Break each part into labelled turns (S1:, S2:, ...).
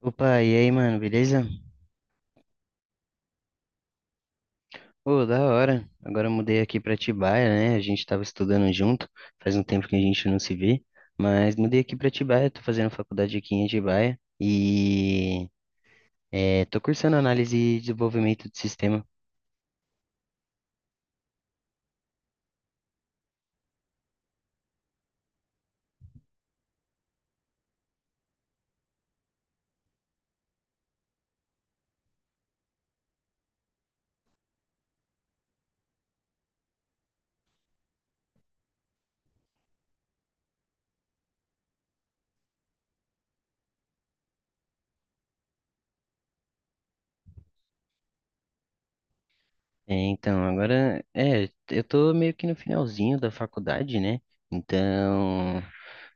S1: Opa, e aí, mano, beleza? Pô, da hora. Agora eu mudei aqui pra Atibaia, né? A gente tava estudando junto, faz um tempo que a gente não se vê, mas mudei aqui pra Atibaia, tô fazendo faculdade aqui em Atibaia e tô cursando análise e desenvolvimento de sistemas. Então, agora, eu tô meio que no finalzinho da faculdade, né? Então,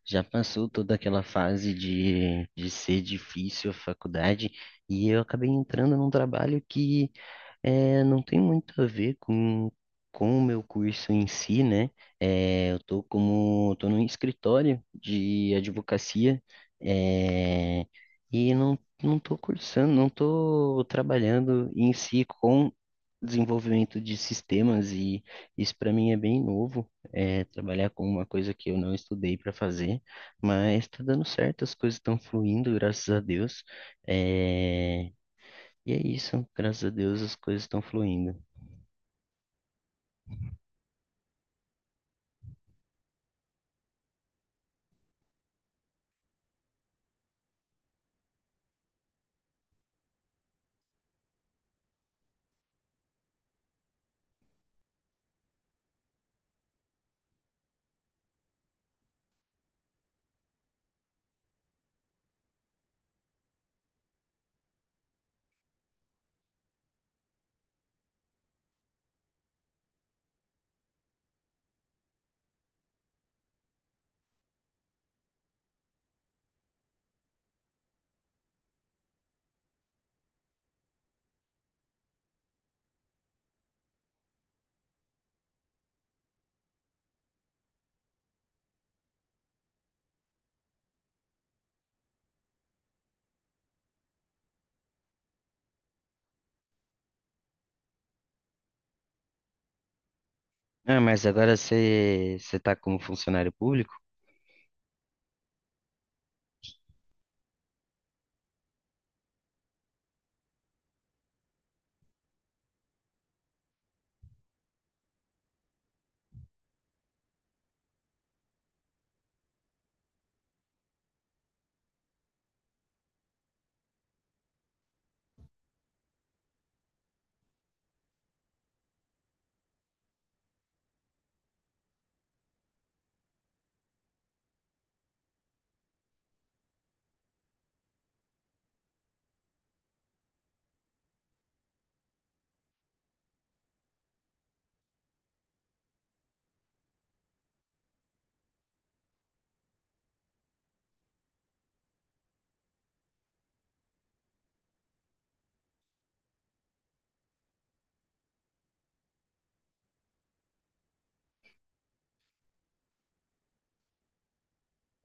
S1: já passou toda aquela fase de ser difícil a faculdade e eu acabei entrando num trabalho que não tem muito a ver com o meu curso em si, né? Eu tô como, tô num escritório de advocacia, é, e não, não tô cursando, não tô trabalhando em si com desenvolvimento de sistemas e isso para mim é bem novo, é trabalhar com uma coisa que eu não estudei para fazer, mas está dando certo, as coisas estão fluindo, graças a Deus. É, E é isso, graças a Deus as coisas estão fluindo. Ah, mas agora você está como funcionário público?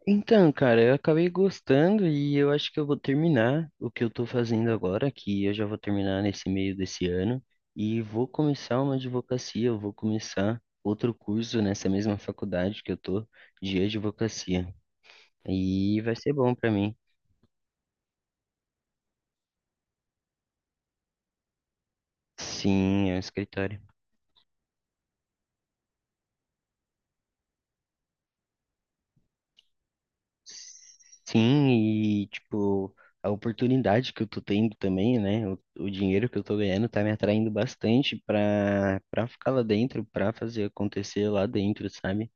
S1: Então, cara, eu acabei gostando e eu acho que eu vou terminar o que eu tô fazendo agora, que eu já vou terminar nesse meio desse ano, e vou começar uma advocacia, eu vou começar outro curso nessa mesma faculdade que eu tô de advocacia. E vai ser bom pra mim. Sim, é um escritório. Sim, e tipo, a oportunidade que eu tô tendo também, né? O dinheiro que eu tô ganhando tá me atraindo bastante pra ficar lá dentro, pra fazer acontecer lá dentro, sabe?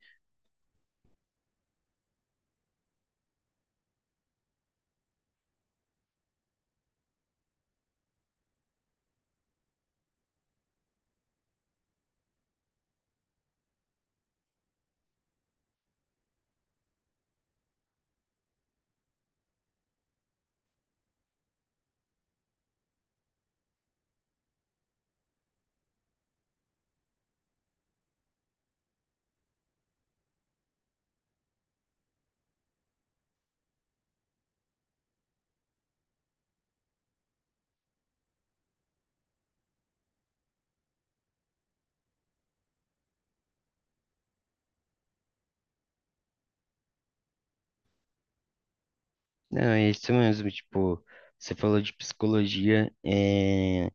S1: Não, é isso mesmo, tipo, você falou de psicologia, é...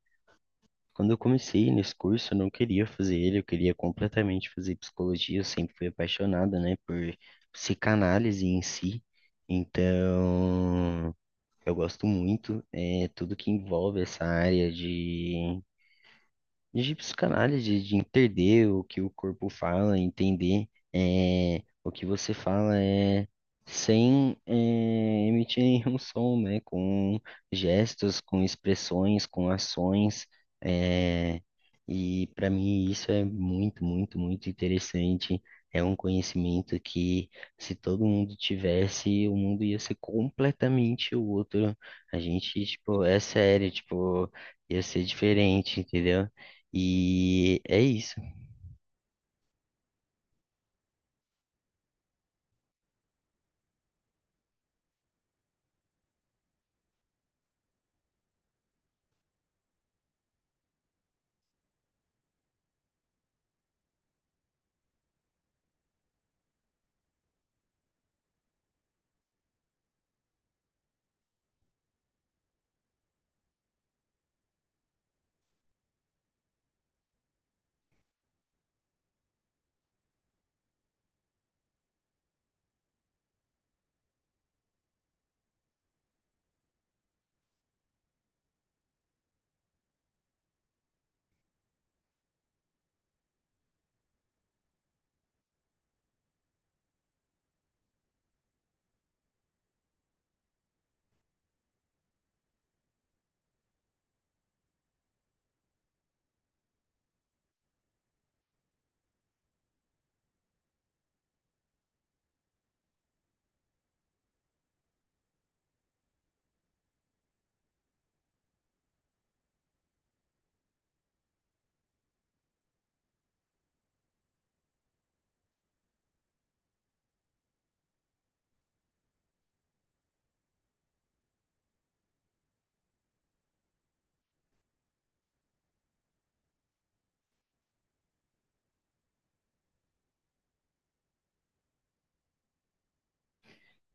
S1: Quando eu comecei nesse curso, eu não queria fazer ele, eu queria completamente fazer psicologia, eu sempre fui apaixonada, né, por psicanálise em si. Então, eu gosto muito, tudo que envolve essa área de psicanálise, de entender o que o corpo fala, entender o que você fala é, sem é, emitir nenhum som, né? Com gestos, com expressões, com ações. é, e para mim isso é muito, muito, muito interessante. É um conhecimento que, se todo mundo tivesse, o mundo ia ser completamente outro. A gente, tipo, é sério, tipo, ia ser diferente, entendeu? E é isso.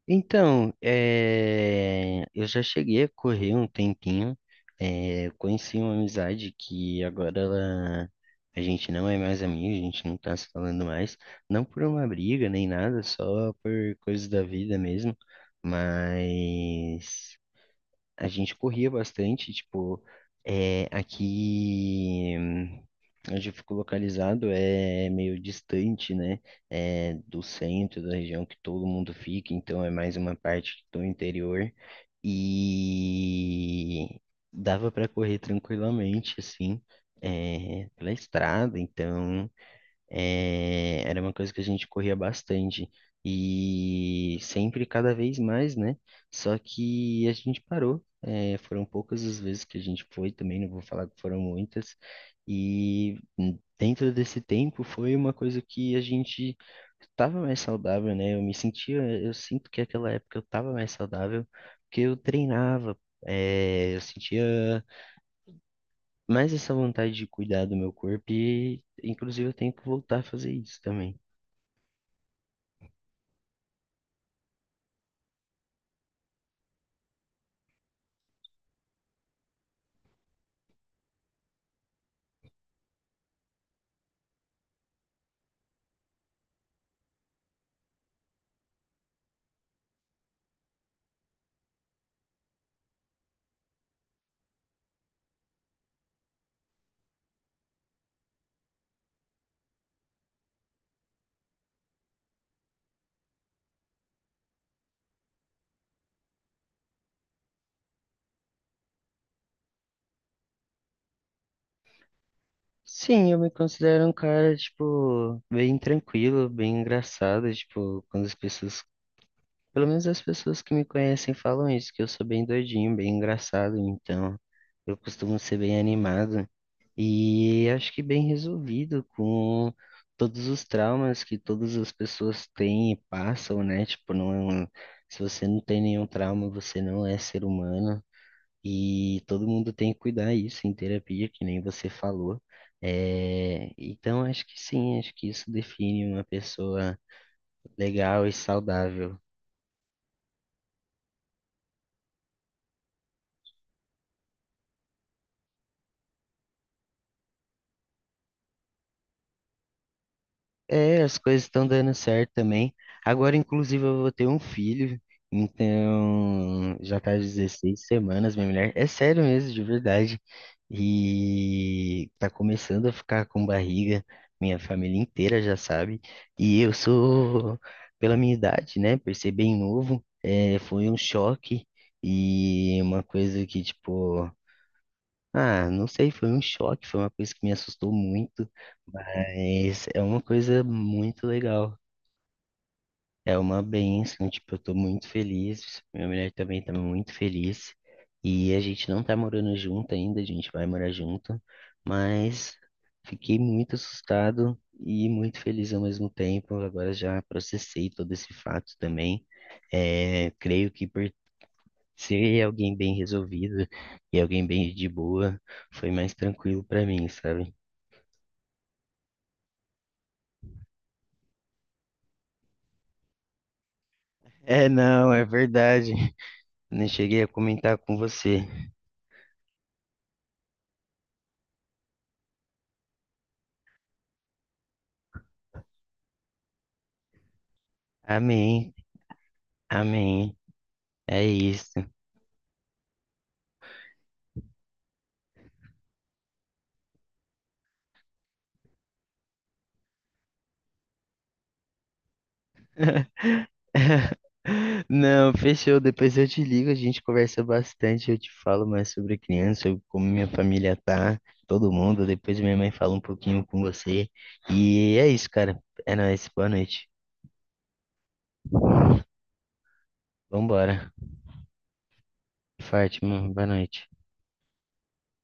S1: Então, eu já cheguei a correr um tempinho, conheci uma amizade que a gente não é mais amigo, a gente não tá se falando mais, não por uma briga nem nada, só por coisas da vida mesmo, mas a gente corria bastante, tipo, aqui onde eu fico localizado é meio distante, né, do centro da região que todo mundo fica, então é mais uma parte do interior e dava para correr tranquilamente, assim, pela estrada, então era uma coisa que a gente corria bastante. E sempre, cada vez mais, né? Só que a gente parou. É, foram poucas as vezes que a gente foi também, não vou falar que foram muitas. E dentro desse tempo foi uma coisa que a gente estava mais saudável, né? Eu me sentia, eu sinto que aquela época eu estava mais saudável, porque eu treinava. Eu sentia mais essa vontade de cuidar do meu corpo e, inclusive, eu tenho que voltar a fazer isso também. Sim, eu me considero um cara, tipo, bem tranquilo, bem engraçado, tipo, quando as pessoas, pelo menos as pessoas que me conhecem falam isso, que eu sou bem doidinho, bem engraçado, então eu costumo ser bem animado e acho que bem resolvido com todos os traumas que todas as pessoas têm e passam, né? Tipo, não, se você não tem nenhum trauma, você não é ser humano. E todo mundo tem que cuidar isso em terapia, que nem você falou. É, então, acho que sim, acho que isso define uma pessoa legal e saudável. É, as coisas estão dando certo também. Agora, inclusive, eu vou ter um filho, então já tá 16 semanas, minha mulher. É sério mesmo, de verdade. E tá começando a ficar com barriga, minha família inteira já sabe. E eu sou, pela minha idade, né, por ser bem novo, foi um choque e uma coisa que, tipo. Ah, não sei, foi um choque, foi uma coisa que me assustou muito, mas é uma coisa muito legal. É uma bênção, tipo, eu tô muito feliz, minha mulher também tá muito feliz, e a gente não tá morando junto ainda, a gente vai morar junto, mas fiquei muito assustado e muito feliz ao mesmo tempo. Agora já processei todo esse fato também. É, creio que por se é alguém bem resolvido e alguém bem de boa, foi mais tranquilo pra mim, sabe? É, não, é verdade. Não cheguei a comentar com você. Amém, amém. É isso. Não, fechou. Depois eu te ligo, a gente conversa bastante. Eu te falo mais sobre a criança, sobre como minha família tá, todo mundo. Depois minha mãe fala um pouquinho com você. E é isso, cara. É nóis. Boa noite. Vambora. Fátima, boa noite.